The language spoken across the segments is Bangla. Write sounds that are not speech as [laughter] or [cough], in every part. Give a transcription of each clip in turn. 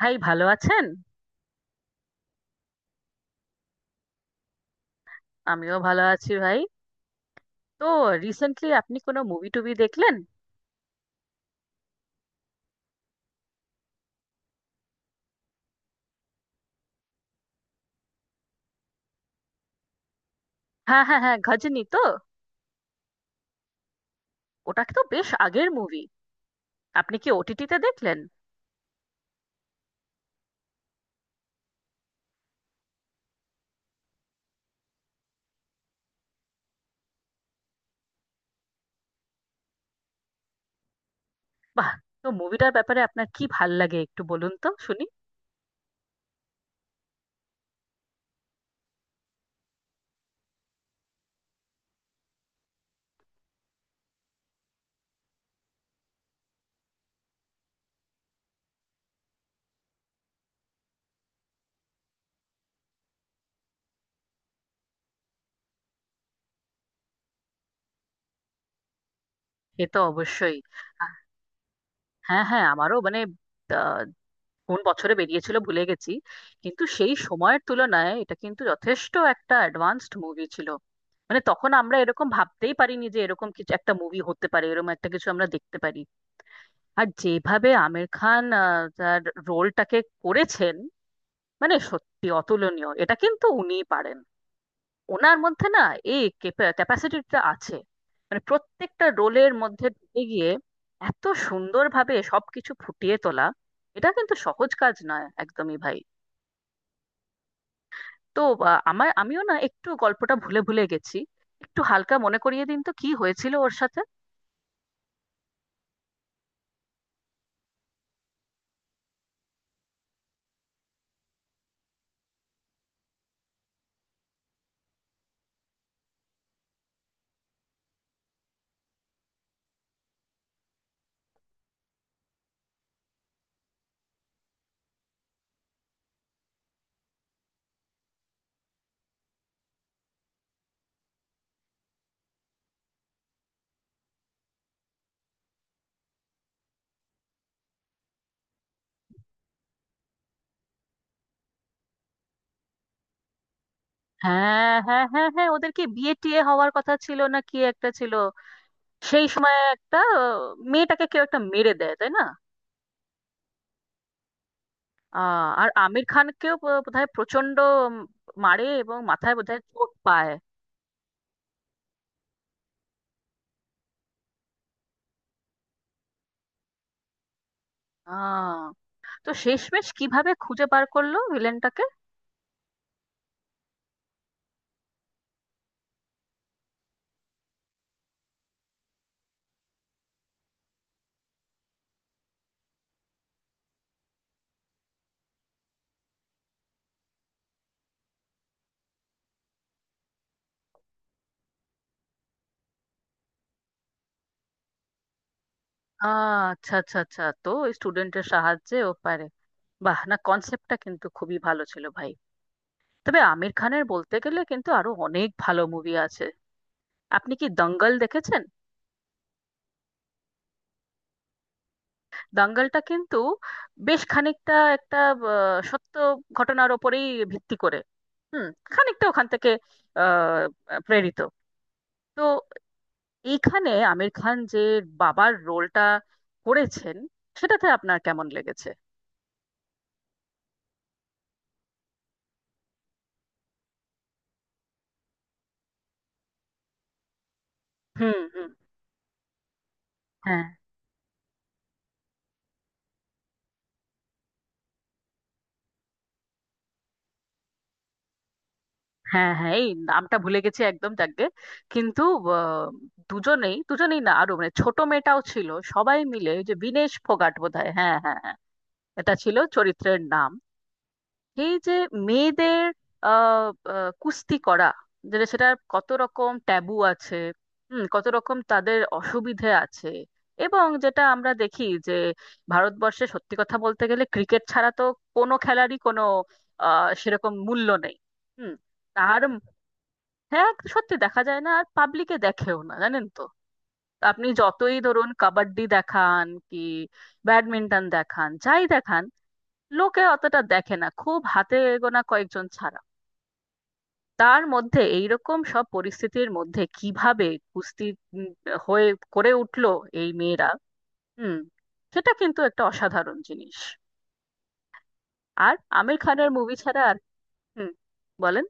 ভাই ভালো আছেন? আমিও ভালো আছি ভাই। তো রিসেন্টলি আপনি কোনো মুভি টুভি দেখলেন? হ্যাঁ হ্যাঁ হ্যাঁ, গজনী তো? ওটা তো বেশ আগের মুভি। আপনি কি ওটিটিতে দেখলেন? বাহ। তো মুভিটার ব্যাপারে আপনার কি ভাল লাগে একটু বলুন তো শুনি। এ তো অবশ্যই। আহ, হ্যাঁ হ্যাঁ, আমারও মানে আহ, কোন বছরে বেরিয়েছিল ভুলে গেছি, কিন্তু সেই সময়ের তুলনায় এটা কিন্তু যথেষ্ট একটা অ্যাডভান্সড মুভি ছিল। মানে তখন আমরা এরকম ভাবতেই পারিনি যে এরকম কিছু একটা মুভি হতে পারে, এরকম একটা কিছু আমরা দেখতে পারি। আর যেভাবে আমির খান তার রোলটাকে করেছেন, মানে সত্যি অতুলনীয়। এটা কিন্তু উনিই পারেন, ওনার মধ্যে না এই ক্যাপাসিটিটা আছে। মানে প্রত্যেকটা রোলের মধ্যে ঢুকে গিয়ে এত সুন্দরভাবে সবকিছু ফুটিয়ে তোলা, এটা কিন্তু সহজ কাজ নয় একদমই ভাই। তো আহ, আমার আমিও না একটু গল্পটা ভুলে ভুলে গেছি, একটু হালকা মনে করিয়ে দিন তো কি হয়েছিল ওর সাথে। হ্যাঁ হ্যাঁ হ্যাঁ হ্যাঁ, ওদের কি বিয়ে টিয়ে হওয়ার কথা ছিল না কি একটা ছিল? সেই সময় একটা মেয়েটাকে কেউ একটা মেরে দেয় তাই না? আর আমির খানকেও বোধহয় প্রচন্ড মারে এবং মাথায় বোধহয় চোট পায়। আহ, তো শেষমেশ কিভাবে খুঁজে বার করলো ভিলেনটাকে? আচ্ছা আচ্ছা আচ্ছা, তো স্টুডেন্টের সাহায্যে ও পারে। বাহ, না কনসেপ্টটা কিন্তু খুবই ভালো ছিল ভাই। তবে আমির খানের বলতে গেলে কিন্তু আরো অনেক ভালো মুভি আছে। আপনি কি দঙ্গল দেখেছেন? দাঙ্গলটা কিন্তু বেশ খানিকটা একটা সত্য ঘটনার ওপরেই ভিত্তি করে, হুম, খানিকটা ওখান থেকে প্রেরিত। তো এইখানে আমির খান যে বাবার রোলটা করেছেন, সেটাতে আপনার কেমন লেগেছে? হুম হুম। হ্যাঁ হ্যাঁ হ্যাঁ, এই নামটা ভুলে গেছি একদম, যাকগে। কিন্তু আহ, দুজনেই দুজনেই না আরো মানে ছোট মেয়েটাও ছিল, সবাই মিলে। ওই যে বিনেশ ফোগাট বোধহয়, হ্যাঁ হ্যাঁ হ্যাঁ, এটা ছিল চরিত্রের নাম। এই যে মেয়েদের আহ আহ, কুস্তি করা যেটা, সেটা কত রকম ট্যাবু আছে, হুম, কত রকম তাদের অসুবিধে আছে। এবং যেটা আমরা দেখি যে ভারতবর্ষে সত্যি কথা বলতে গেলে ক্রিকেট ছাড়া তো কোনো খেলারই কোনো আহ সেরকম মূল্য নেই। হুম। আর হ্যাঁ, সত্যি দেখা যায় না, আর পাবলিকে দেখেও না, জানেন তো। আপনি যতই ধরুন কাবাডি দেখান কি ব্যাডমিন্টন দেখান, যাই দেখান, লোকে অতটা দেখে না, খুব হাতে গোনা কয়েকজন ছাড়া। তার মধ্যে এইরকম সব পরিস্থিতির মধ্যে কিভাবে কুস্তি উম, হয়ে করে উঠলো এই মেয়েরা, হুম, সেটা কিন্তু একটা অসাধারণ জিনিস। আর আমির খানের মুভি ছাড়া আর, হুম, বলেন।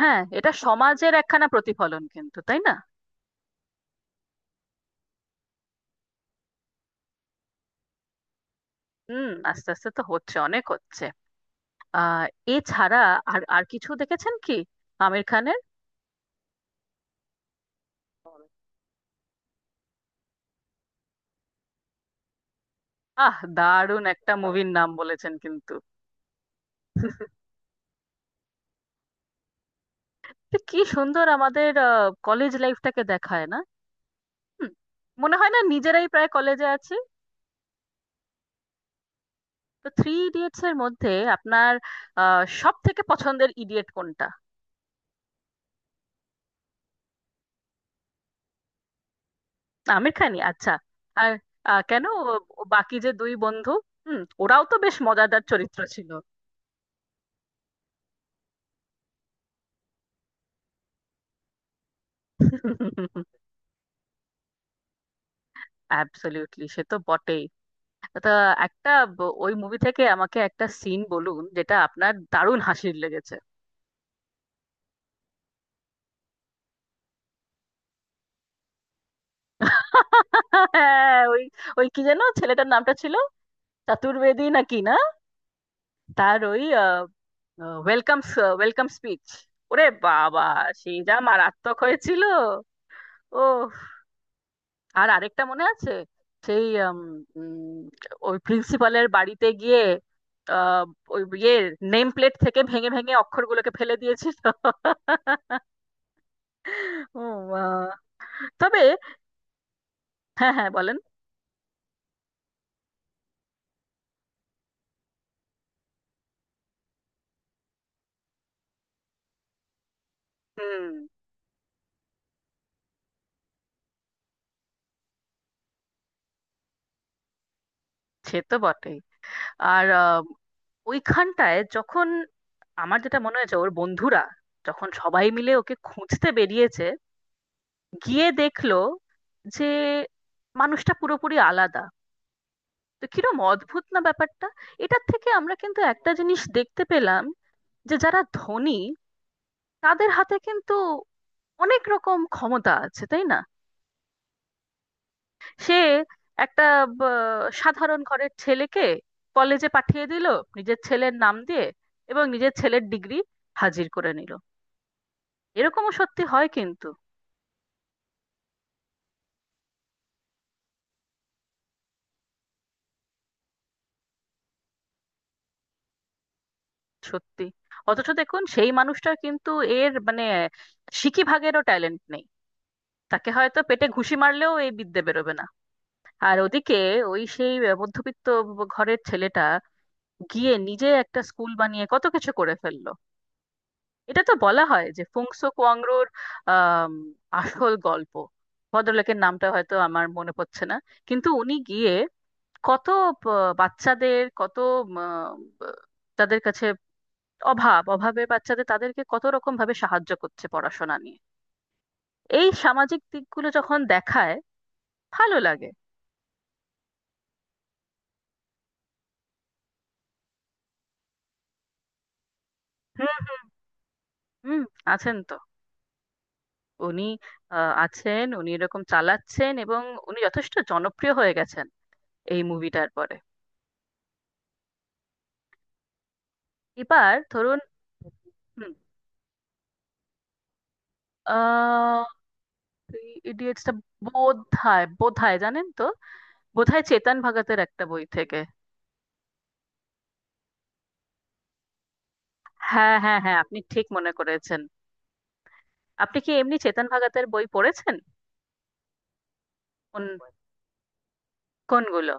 হ্যাঁ, এটা সমাজের একখানা প্রতিফলন কিন্তু, তাই না? হুম, আস্তে আস্তে তো হচ্ছে, অনেক হচ্ছে। আহ, এছাড়া আর আর কিছু দেখেছেন কি আমির খানের? আহ, দারুণ একটা মুভির নাম বলেছেন কিন্তু। তো কি সুন্দর আমাদের কলেজ লাইফটাকে দেখায় না, হুম, মনে হয় না নিজেরাই প্রায় কলেজে আছি। তো থ্রি ইডিয়টস এর মধ্যে আপনার সব থেকে পছন্দের ইডিয়েট কোনটা? আমির খানই? আচ্ছা। আর কেন? ও বাকি যে দুই বন্ধু, হুম, ওরাও তো বেশ মজাদার চরিত্র ছিল। অ্যাবসলিউটলি, সে তো বটেই। তো একটা ওই মুভি থেকে আমাকে একটা সিন বলুন যেটা আপনার দারুণ হাসির লেগেছে। [laughs] হ্যাঁ, ওই ওই কি যেন ছেলেটার নামটা ছিল, চতুর্বেদী নাকি না? তার ওই ওয়েলকাম, ওয়েলকাম স্পিচ, ওরে বাবা, সেই যা মারাত্মক হয়েছিল। ও, আর আরেকটা মনে আছে সেই উম, উম, ওই প্রিন্সিপালের বাড়িতে গিয়ে আহ, ওই ইয়ে নেম প্লেট থেকে ভেঙে ভেঙে অক্ষরগুলোকে ফেলে দিয়েছিল। ও মা! তবে, হ্যাঁ হ্যাঁ, বলেন। হুম, সে তো বটেই। আর ওইখানটায় যখন, আমার যেটা মনে হয়েছে, ওর বন্ধুরা যখন সবাই মিলে ওকে খুঁজতে বেরিয়েছে, গিয়ে দেখলো যে মানুষটা পুরোপুরি আলাদা। তো কিরম অদ্ভুত না ব্যাপারটা! এটার থেকে আমরা কিন্তু একটা জিনিস দেখতে পেলাম, যে যারা ধনী তাদের হাতে কিন্তু অনেক রকম ক্ষমতা আছে, তাই না? সে একটা সাধারণ ঘরের ছেলেকে কলেজে পাঠিয়ে দিল নিজের ছেলের নাম দিয়ে, এবং নিজের ছেলের ডিগ্রি হাজির করে নিল। এরকমও সত্যি হয় কিন্তু। সত্যি, অথচ দেখুন সেই মানুষটার কিন্তু এর মানে সিকি ভাগেরও ট্যালেন্ট নেই, তাকে হয়তো পেটে ঘুষি মারলেও এই বিদ্যে বেরোবে না। আর ওদিকে ওই সেই মধ্যবিত্ত ঘরের ছেলেটা গিয়ে নিজে একটা স্কুল বানিয়ে কত কিছু করে ফেললো। এটা তো বলা হয় যে ফুংসো কোয়াংরোর আম, আসল গল্প। ভদ্রলোকের নামটা হয়তো আমার মনে পড়ছে না, কিন্তু উনি গিয়ে কত বাচ্চাদের, কত উম, তাদের কাছে অভাব, অভাবের বাচ্চাদের, তাদেরকে কত রকম ভাবে সাহায্য করছে পড়াশোনা নিয়ে। এই সামাজিক দিকগুলো যখন দেখায় ভালো লাগে। হুম হুম, আছেন তো উনি। আছেন, উনি এরকম চালাচ্ছেন, এবং উনি যথেষ্ট জনপ্রিয় হয়ে গেছেন এই মুভিটার পরে। এবার ধরুন, হুম, আহ, ইডিয়েটসটা বোধ হয়, জানেন তো, বোধ হয় চেতন ভগতের একটা বই থেকে। হ্যাঁ হ্যাঁ হ্যাঁ, আপনি ঠিক মনে করেছেন। আপনি কি এমনি চেতন ভগতের বই পড়েছেন? কোন কোনগুলো?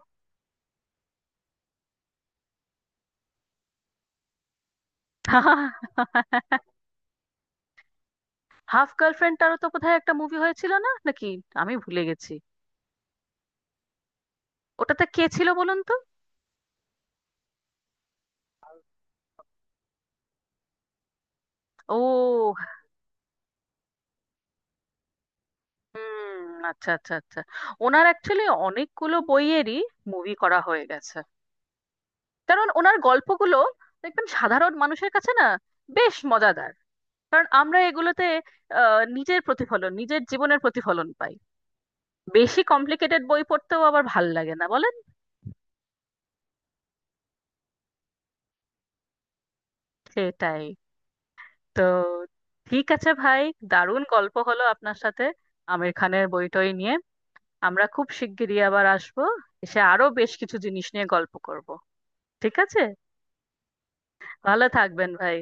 [laughs] হাফ গার্লফ্রেন্ড, তারও তো বোধহয় একটা মুভি হয়েছিল না নাকি? আমি ভুলে গেছি। ওটাতে কে ছিল বলুন তো? ও, হুম, আচ্ছা আচ্ছা আচ্ছা। ওনার অ্যাকচুয়ালি অনেকগুলো বইয়েরই মুভি করা হয়ে গেছে, কারণ ওনার গল্পগুলো দেখবেন সাধারণ মানুষের কাছে না বেশ মজাদার, কারণ আমরা এগুলোতে নিজের প্রতিফলন, নিজের জীবনের প্রতিফলন পাই। বেশি কমপ্লিকেটেড বই পড়তেও আবার ভাল লাগে না, বলেন। সেটাই। তো ঠিক আছে ভাই, দারুণ গল্প হলো আপনার সাথে আমির খানের বইটই নিয়ে। আমরা খুব শিগগিরই আবার আসবো, এসে আরো বেশ কিছু জিনিস নিয়ে গল্প করব। ঠিক আছে, ভালো থাকবেন ভাই।